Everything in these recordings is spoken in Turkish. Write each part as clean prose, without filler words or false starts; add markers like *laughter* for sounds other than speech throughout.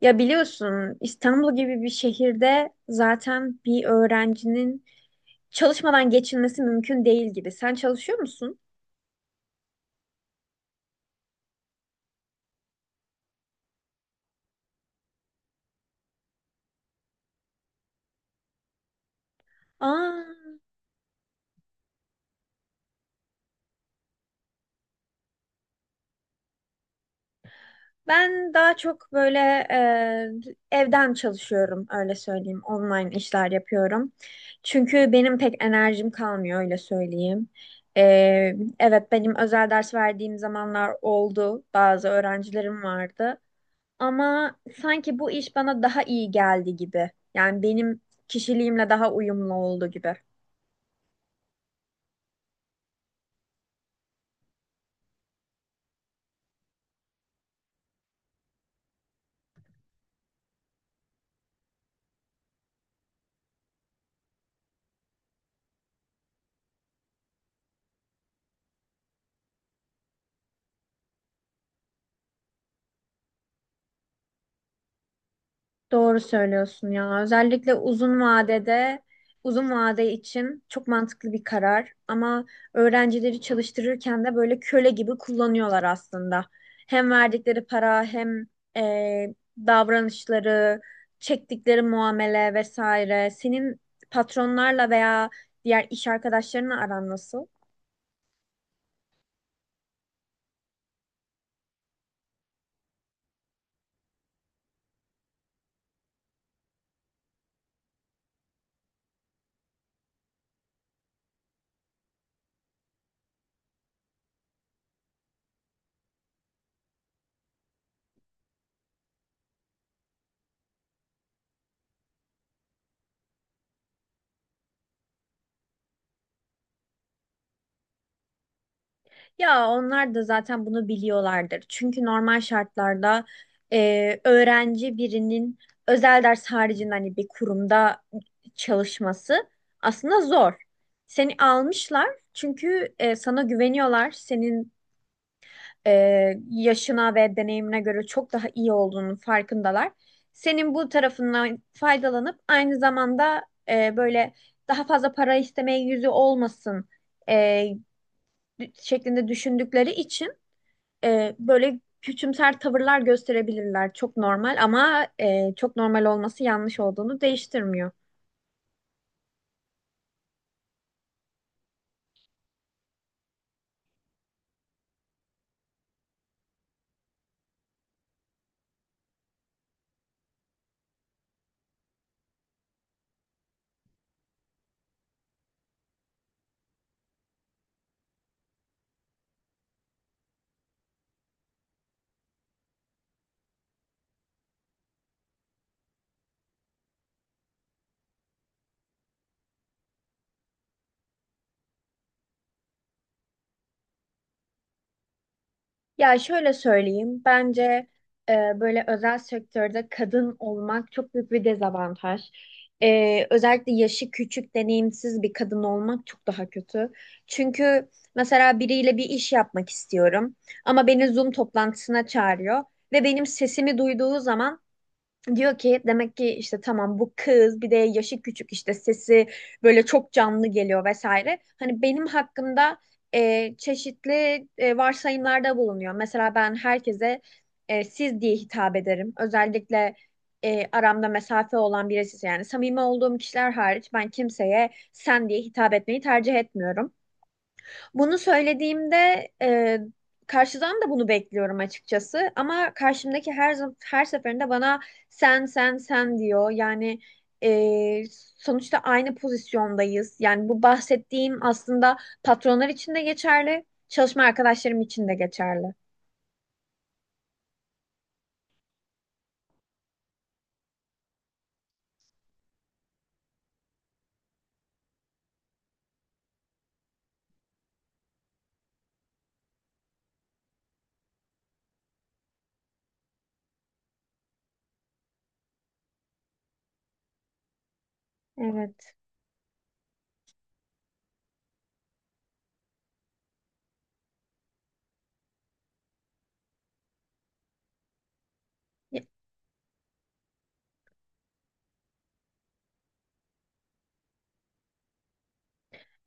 Ya biliyorsun İstanbul gibi bir şehirde zaten bir öğrencinin çalışmadan geçinmesi mümkün değil gibi. Sen çalışıyor musun? Aa, ben daha çok böyle evden çalışıyorum öyle söyleyeyim. Online işler yapıyorum. Çünkü benim pek enerjim kalmıyor öyle söyleyeyim. E, evet, benim özel ders verdiğim zamanlar oldu. Bazı öğrencilerim vardı. Ama sanki bu iş bana daha iyi geldi gibi. Yani benim kişiliğimle daha uyumlu oldu gibi. Doğru söylüyorsun ya. Özellikle uzun vadede, uzun vade için çok mantıklı bir karar. Ama öğrencileri çalıştırırken de böyle köle gibi kullanıyorlar aslında. Hem verdikleri para hem davranışları, çektikleri muamele vesaire. Senin patronlarla veya diğer iş arkadaşlarınla aran nasıl? Ya onlar da zaten bunu biliyorlardır. Çünkü normal şartlarda öğrenci birinin özel ders haricinde hani bir kurumda çalışması aslında zor. Seni almışlar çünkü sana güveniyorlar. Senin e, yaşına ve deneyimine göre çok daha iyi olduğunun farkındalar. Senin bu tarafından faydalanıp aynı zamanda böyle daha fazla para istemeye yüzü olmasın e, şeklinde düşündükleri için böyle küçümser tavırlar gösterebilirler. Çok normal ama çok normal olması yanlış olduğunu değiştirmiyor. Ya şöyle söyleyeyim, bence e, böyle özel sektörde kadın olmak çok büyük bir dezavantaj. Özellikle yaşı küçük, deneyimsiz bir kadın olmak çok daha kötü. Çünkü mesela biriyle bir iş yapmak istiyorum ama beni Zoom toplantısına çağırıyor ve benim sesimi duyduğu zaman diyor ki demek ki işte tamam bu kız bir de yaşı küçük, işte sesi böyle çok canlı geliyor vesaire. Hani benim hakkımda çeşitli varsayımlarda bulunuyor. Mesela ben herkese siz diye hitap ederim. Özellikle aramda mesafe olan birisi yani samimi olduğum kişiler hariç ben kimseye sen diye hitap etmeyi tercih etmiyorum. Bunu söylediğimde e, karşıdan da bunu bekliyorum açıkçası. Ama karşımdaki her seferinde bana sen, sen, sen diyor. Yani e, sonuçta aynı pozisyondayız. Yani bu bahsettiğim aslında patronlar için de geçerli, çalışma arkadaşlarım için de geçerli. Evet.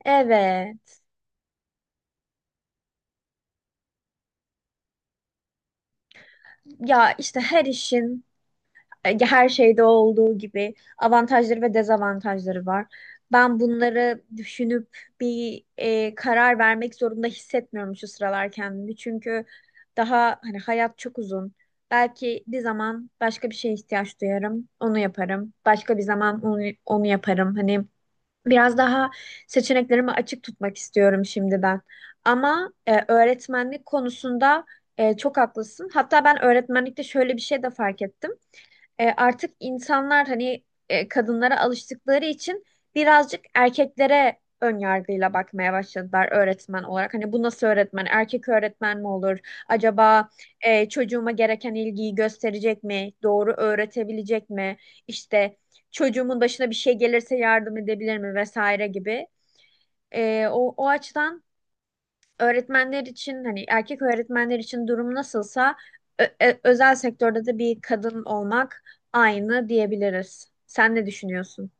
Evet. Ya işte her işin her şeyde olduğu gibi avantajları ve dezavantajları var. Ben bunları düşünüp bir karar vermek zorunda hissetmiyorum şu sıralar kendimi. Çünkü daha hani hayat çok uzun. Belki bir zaman başka bir şeye ihtiyaç duyarım, onu yaparım. Başka bir zaman onu, onu yaparım. Hani biraz daha seçeneklerimi açık tutmak istiyorum şimdi ben. Ama öğretmenlik konusunda çok haklısın. Hatta ben öğretmenlikte şöyle bir şey de fark ettim, artık insanlar hani kadınlara alıştıkları için birazcık erkeklere ön yargıyla bakmaya başladılar öğretmen olarak. Hani bu nasıl öğretmen? Erkek öğretmen mi olur? Acaba çocuğuma gereken ilgiyi gösterecek mi? Doğru öğretebilecek mi? İşte çocuğumun başına bir şey gelirse yardım edebilir mi vesaire gibi. O açıdan öğretmenler için hani erkek öğretmenler için durum nasılsa özel sektörde de bir kadın olmak aynı diyebiliriz. Sen ne düşünüyorsun?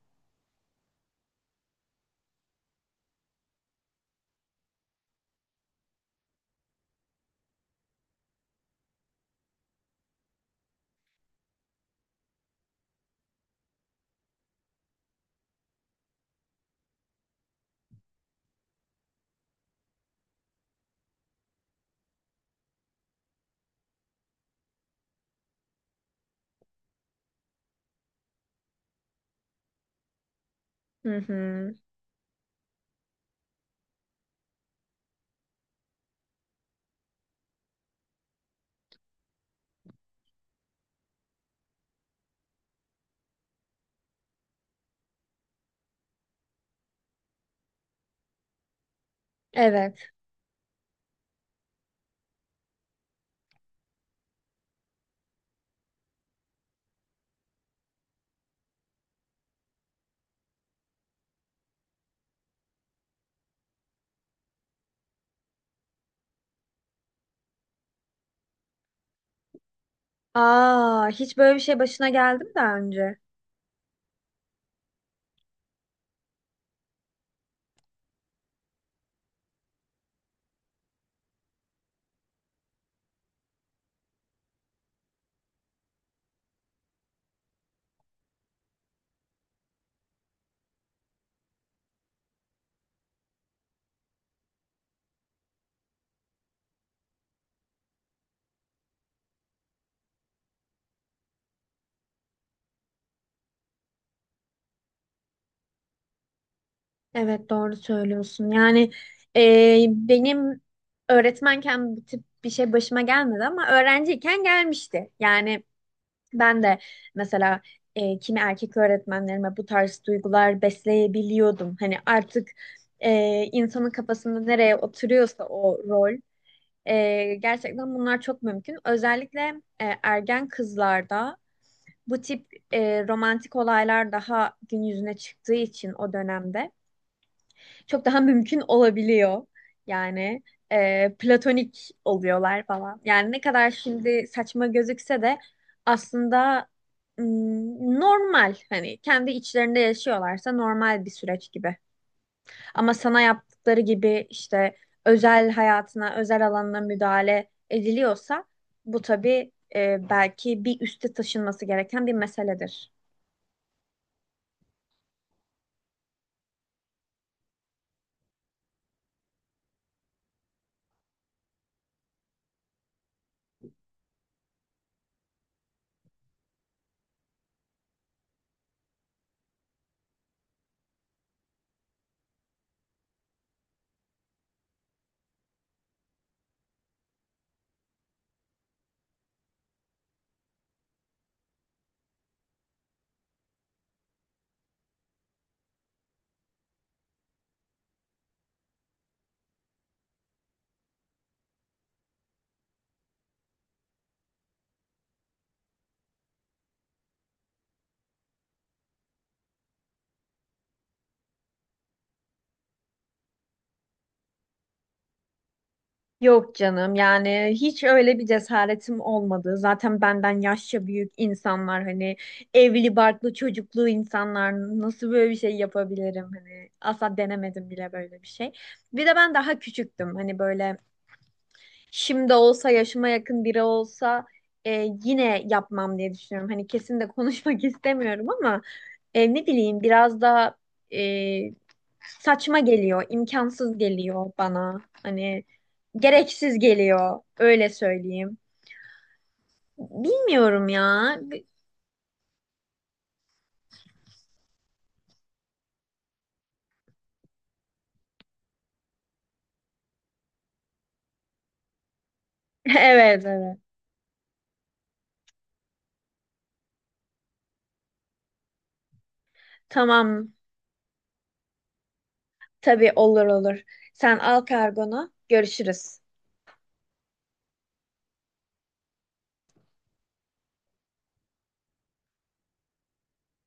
Hı hı. Evet. Aa, hiç böyle bir şey başına geldi mi daha önce? Evet, doğru söylüyorsun. Yani benim öğretmenken bu tip bir şey başıma gelmedi ama öğrenciyken gelmişti. Yani ben de mesela kimi erkek öğretmenlerime bu tarz duygular besleyebiliyordum. Hani artık insanın kafasında nereye oturuyorsa o rol gerçekten bunlar çok mümkün. Özellikle ergen kızlarda bu tip romantik olaylar daha gün yüzüne çıktığı için o dönemde çok daha mümkün olabiliyor. Yani platonik oluyorlar falan. Yani ne kadar şimdi saçma gözükse de aslında normal, hani kendi içlerinde yaşıyorlarsa normal bir süreç gibi. Ama sana yaptıkları gibi işte özel hayatına, özel alanına müdahale ediliyorsa bu tabii, belki bir üste taşınması gereken bir meseledir. Yok canım, yani hiç öyle bir cesaretim olmadı. Zaten benden yaşça büyük insanlar, hani evli barklı çocuklu insanlar, nasıl böyle bir şey yapabilirim, hani asla denemedim bile böyle bir şey. Bir de ben daha küçüktüm hani böyle. Şimdi olsa, yaşıma yakın biri olsa, yine yapmam diye düşünüyorum. Hani kesin de konuşmak *laughs* istemiyorum ama ne bileyim, biraz daha e, saçma geliyor, imkansız geliyor bana. Hani gereksiz geliyor öyle söyleyeyim. Bilmiyorum ya. *laughs* Evet, evet. Tamam, tabii, olur olur. Sen al kargonu, görüşürüz.